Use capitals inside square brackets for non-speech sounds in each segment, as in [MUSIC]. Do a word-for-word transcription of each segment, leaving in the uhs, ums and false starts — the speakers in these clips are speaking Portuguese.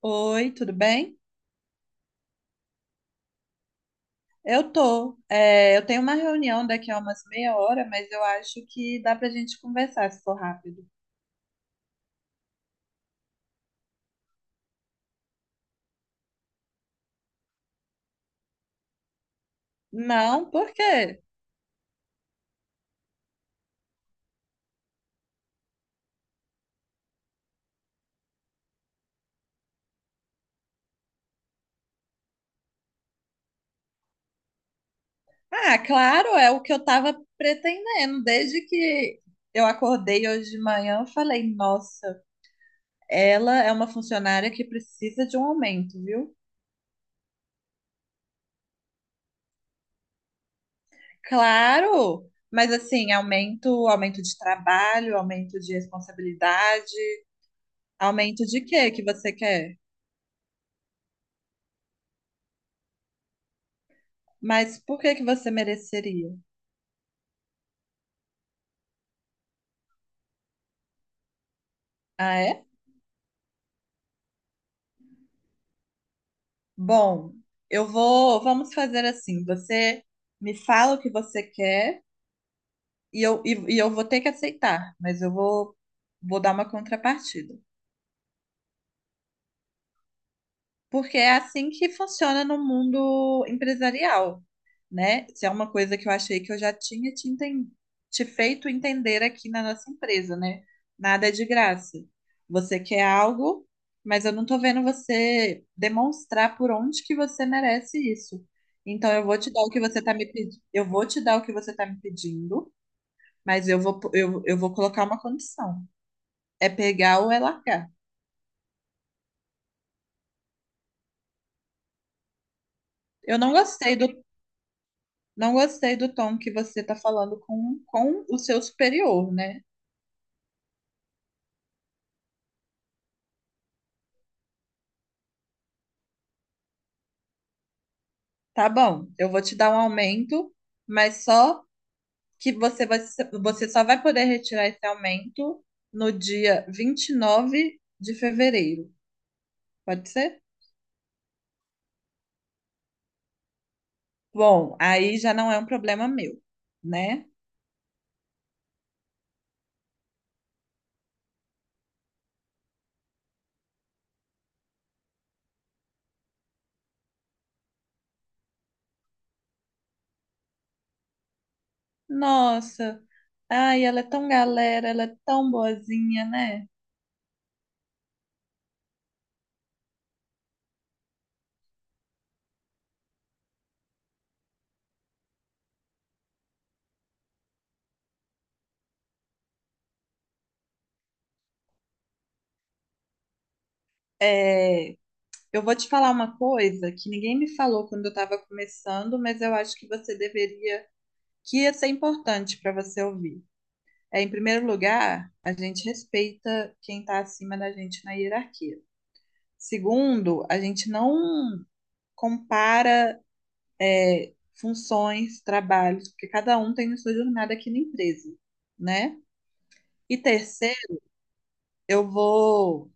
Oi, tudo bem? Eu tô. É, eu tenho uma reunião daqui a umas meia hora, mas eu acho que dá pra gente conversar se for rápido. Não, por quê? Ah, claro, é o que eu tava pretendendo. Desde que eu acordei hoje de manhã, eu falei, nossa, ela é uma funcionária que precisa de um aumento, viu? Claro! Mas assim, aumento, aumento de trabalho, aumento de responsabilidade, aumento de quê que você quer? Mas por que que você mereceria? Ah, é? Bom, eu vou. Vamos fazer assim. Você me fala o que você quer e eu, e, e eu vou ter que aceitar, mas eu vou, vou dar uma contrapartida. Porque é assim que funciona no mundo empresarial, né? Isso é uma coisa que eu achei que eu já tinha te, enten- te feito entender aqui na nossa empresa, né? Nada é de graça. Você quer algo, mas eu não tô vendo você demonstrar por onde que você merece isso. Então eu vou te dar o que você tá me pedindo, eu vou te dar o que você tá me pedindo, mas eu vou, eu, eu vou colocar uma condição. É pegar ou é largar. Eu não gostei do Não gostei do tom que você está falando com, com o seu superior, né? Tá bom, eu vou te dar um aumento, mas só que você vai, você só vai poder retirar esse aumento no dia vinte e nove de fevereiro. Pode ser? Bom, aí já não é um problema meu, né? Nossa, ai, ela é tão galera, ela é tão boazinha, né? É, eu vou te falar uma coisa que ninguém me falou quando eu estava começando, mas eu acho que você deveria que ia ser importante para você ouvir. É, em primeiro lugar, a gente respeita quem está acima da gente na hierarquia. Segundo, a gente não compara é, funções, trabalhos, porque cada um tem a sua jornada aqui na empresa, né? E terceiro, eu vou.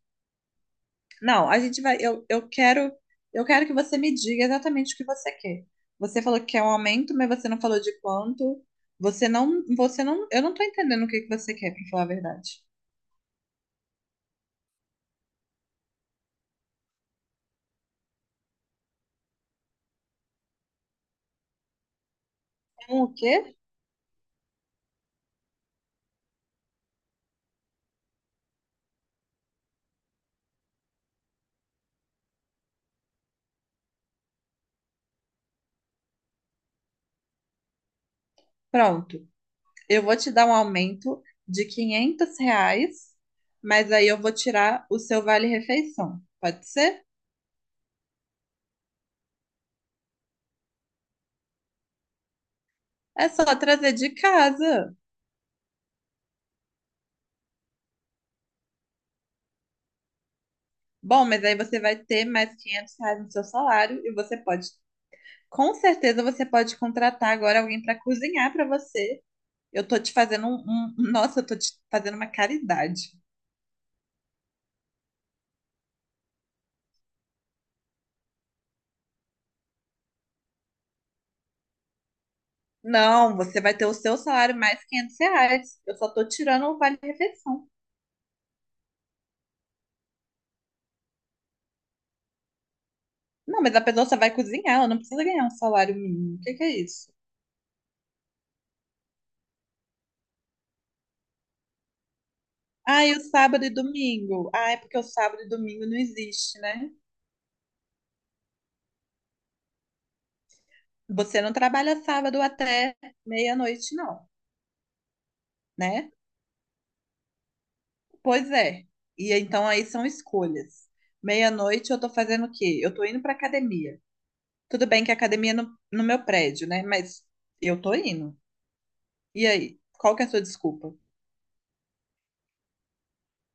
Não, a gente vai. Eu, eu quero, eu quero que você me diga exatamente o que você quer. Você falou que quer um aumento, mas você não falou de quanto. Você não, você não, eu não estou entendendo o que que você quer, para falar a verdade. O quê? Pronto. Eu vou te dar um aumento de quinhentos reais, mas aí eu vou tirar o seu vale-refeição. Pode ser? É só trazer de casa. Bom, mas aí você vai ter mais quinhentos reais no seu salário e você pode, com certeza, você pode contratar agora alguém para cozinhar para você. Eu tô te fazendo um, um- um, nossa, eu tô te fazendo uma caridade. Não, você vai ter o seu salário mais quinhentos reais. Eu só tô tirando o vale-refeição. Não, mas a pessoa só vai cozinhar, ela não precisa ganhar um salário mínimo. O que que é isso? Ah, e o sábado e domingo? Ah, é porque o sábado e domingo não existe, né? Você não trabalha sábado até meia-noite, não, né? Pois é. E então aí são escolhas. Meia-noite eu tô fazendo o quê? Eu tô indo pra academia. Tudo bem que a academia é no, no meu prédio, né? Mas eu tô indo. E aí? Qual que é a sua desculpa?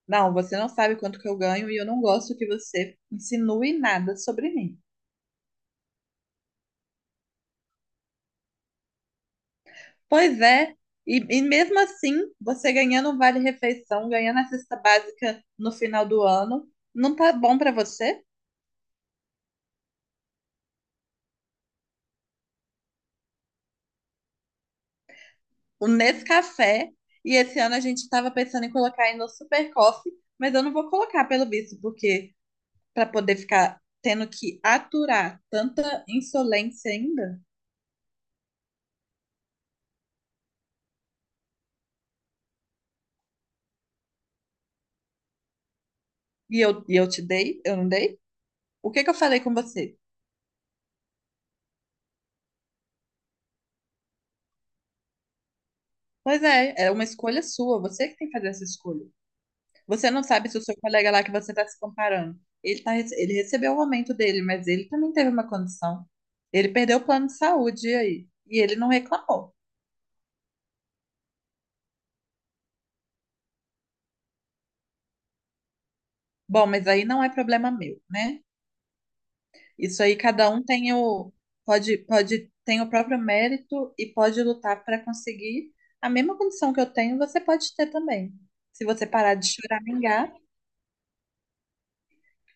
Não, você não sabe quanto que eu ganho e eu não gosto que você insinue nada sobre mim. Pois é, e, e mesmo assim, você ganhando um vale-refeição, ganhando a cesta básica no final do ano, não tá bom pra você? O Nescafé, e esse ano a gente tava pensando em colocar aí no Super Coffee, mas eu não vou colocar pelo visto, porque pra poder ficar tendo que aturar tanta insolência ainda, e eu, e eu te dei, eu não dei? O que que eu falei com você? Pois é, é uma escolha sua, você que tem que fazer essa escolha. Você não sabe se o seu colega lá que você está se comparando, ele tá, rece- ele recebeu o aumento dele, mas ele também teve uma condição. Ele perdeu o plano de saúde e aí, e ele não reclamou. Bom, mas aí não é problema meu, né? Isso aí cada um tem o pode pode tem o próprio mérito e pode lutar para conseguir a mesma condição que eu tenho, você pode ter também. Se você parar de choramingar,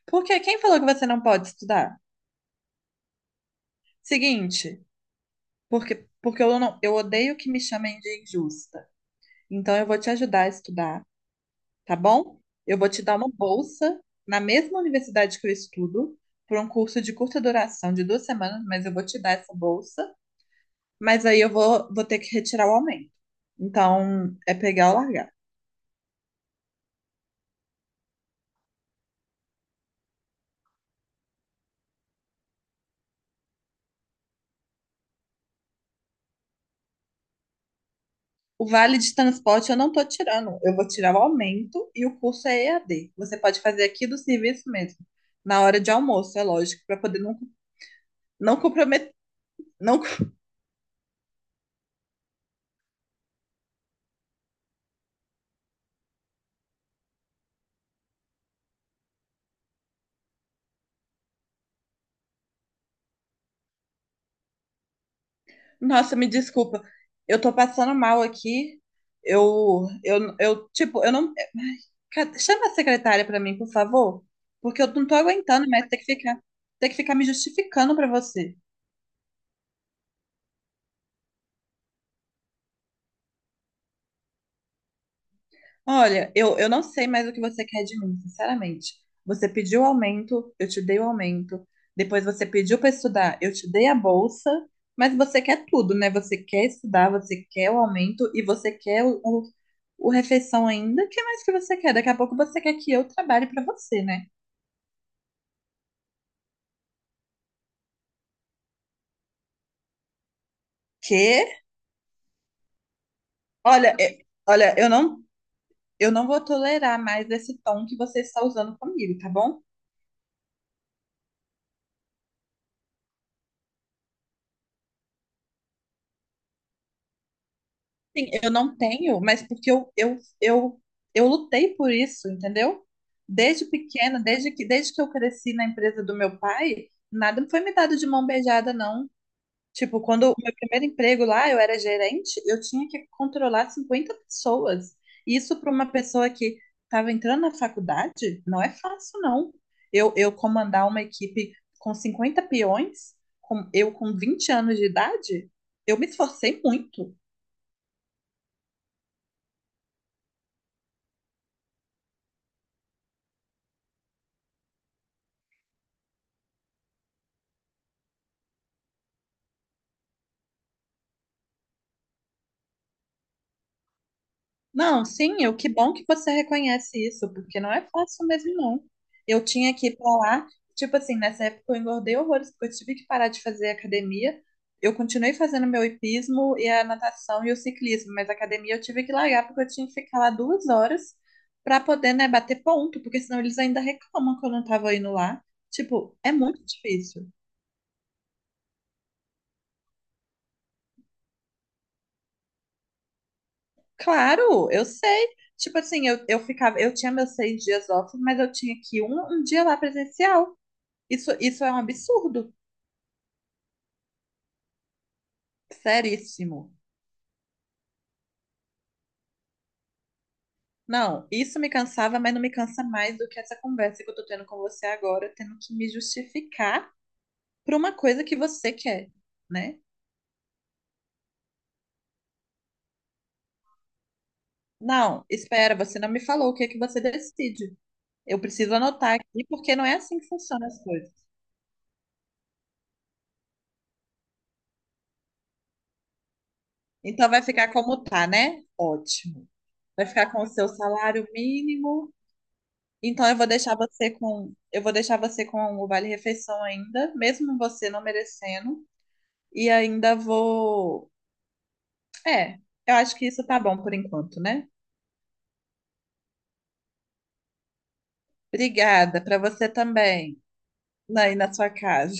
porque quem falou que você não pode estudar? Seguinte, porque porque eu não eu odeio que me chamem de injusta. Então, eu vou te ajudar a estudar, tá bom? Eu vou te dar uma bolsa na mesma universidade que eu estudo, por um curso de curta duração, de duas semanas, mas eu vou te dar essa bolsa. Mas aí eu vou, vou ter que retirar o aumento. Então, é pegar ou largar. O vale de transporte eu não tô tirando, eu vou tirar o aumento e o curso é E A D. Você pode fazer aqui do serviço mesmo, na hora de almoço, é lógico, para poder não, não comprometer, não [LAUGHS] Nossa, me desculpa. Eu tô passando mal aqui. Eu, eu, eu, tipo, eu não. Ai, ca- chama a secretária pra mim, por favor, porque eu não tô aguentando mais ter que ficar, ter que ficar me justificando pra você. Olha, eu, eu não sei mais o que você quer de mim, sinceramente. Você pediu aumento, eu te dei o aumento. Depois você pediu para estudar, eu te dei a bolsa. Mas você quer tudo, né? Você quer estudar, você quer o aumento e você quer o, o, o refeição ainda. O que mais que você quer? Daqui a pouco você quer que eu trabalhe para você, né? Que? Olha, é- olha, eu não, eu não vou tolerar mais esse tom que você está usando comigo, tá bom? Sim, eu não tenho, mas porque eu, eu, eu, eu lutei por isso, entendeu? Desde pequena, desde que, desde que eu cresci na empresa do meu pai, nada foi me dado de mão beijada, não. Tipo, quando o meu primeiro emprego lá, eu era gerente, eu tinha que controlar cinquenta pessoas. Isso para uma pessoa que estava entrando na faculdade, não é fácil, não. Eu, eu comandar uma equipe com cinquenta peões, com, eu com vinte anos de idade, eu me esforcei muito. Não, sim, eu, que bom que você reconhece isso, porque não é fácil mesmo, não. Eu tinha que ir pra lá, tipo assim, nessa época eu engordei horrores, porque eu tive que parar de fazer academia. Eu continuei fazendo meu hipismo e a natação e o ciclismo, mas a academia eu tive que largar porque eu tinha que ficar lá duas horas pra poder, né, bater ponto, porque senão eles ainda reclamam que eu não tava indo lá. Tipo, é muito difícil. Claro, eu sei. Tipo assim, eu, eu ficava, eu tinha meus seis dias off, mas eu tinha que ir um, um dia lá presencial. Isso, isso é um absurdo, seríssimo. Não, isso me cansava, mas não me cansa mais do que essa conversa que eu tô tendo com você agora, tendo que me justificar por uma coisa que você quer, né? Não, espera, você não me falou o que é que você decide. Eu preciso anotar aqui, porque não é assim que funcionam as coisas. Então vai ficar como tá, né? Ótimo. Vai ficar com o seu salário mínimo. Então eu vou deixar você com, eu vou deixar você com o vale-refeição ainda, mesmo você não merecendo. E ainda vou. É, eu acho que isso tá bom por enquanto, né? Obrigada para você também, aí na sua casa.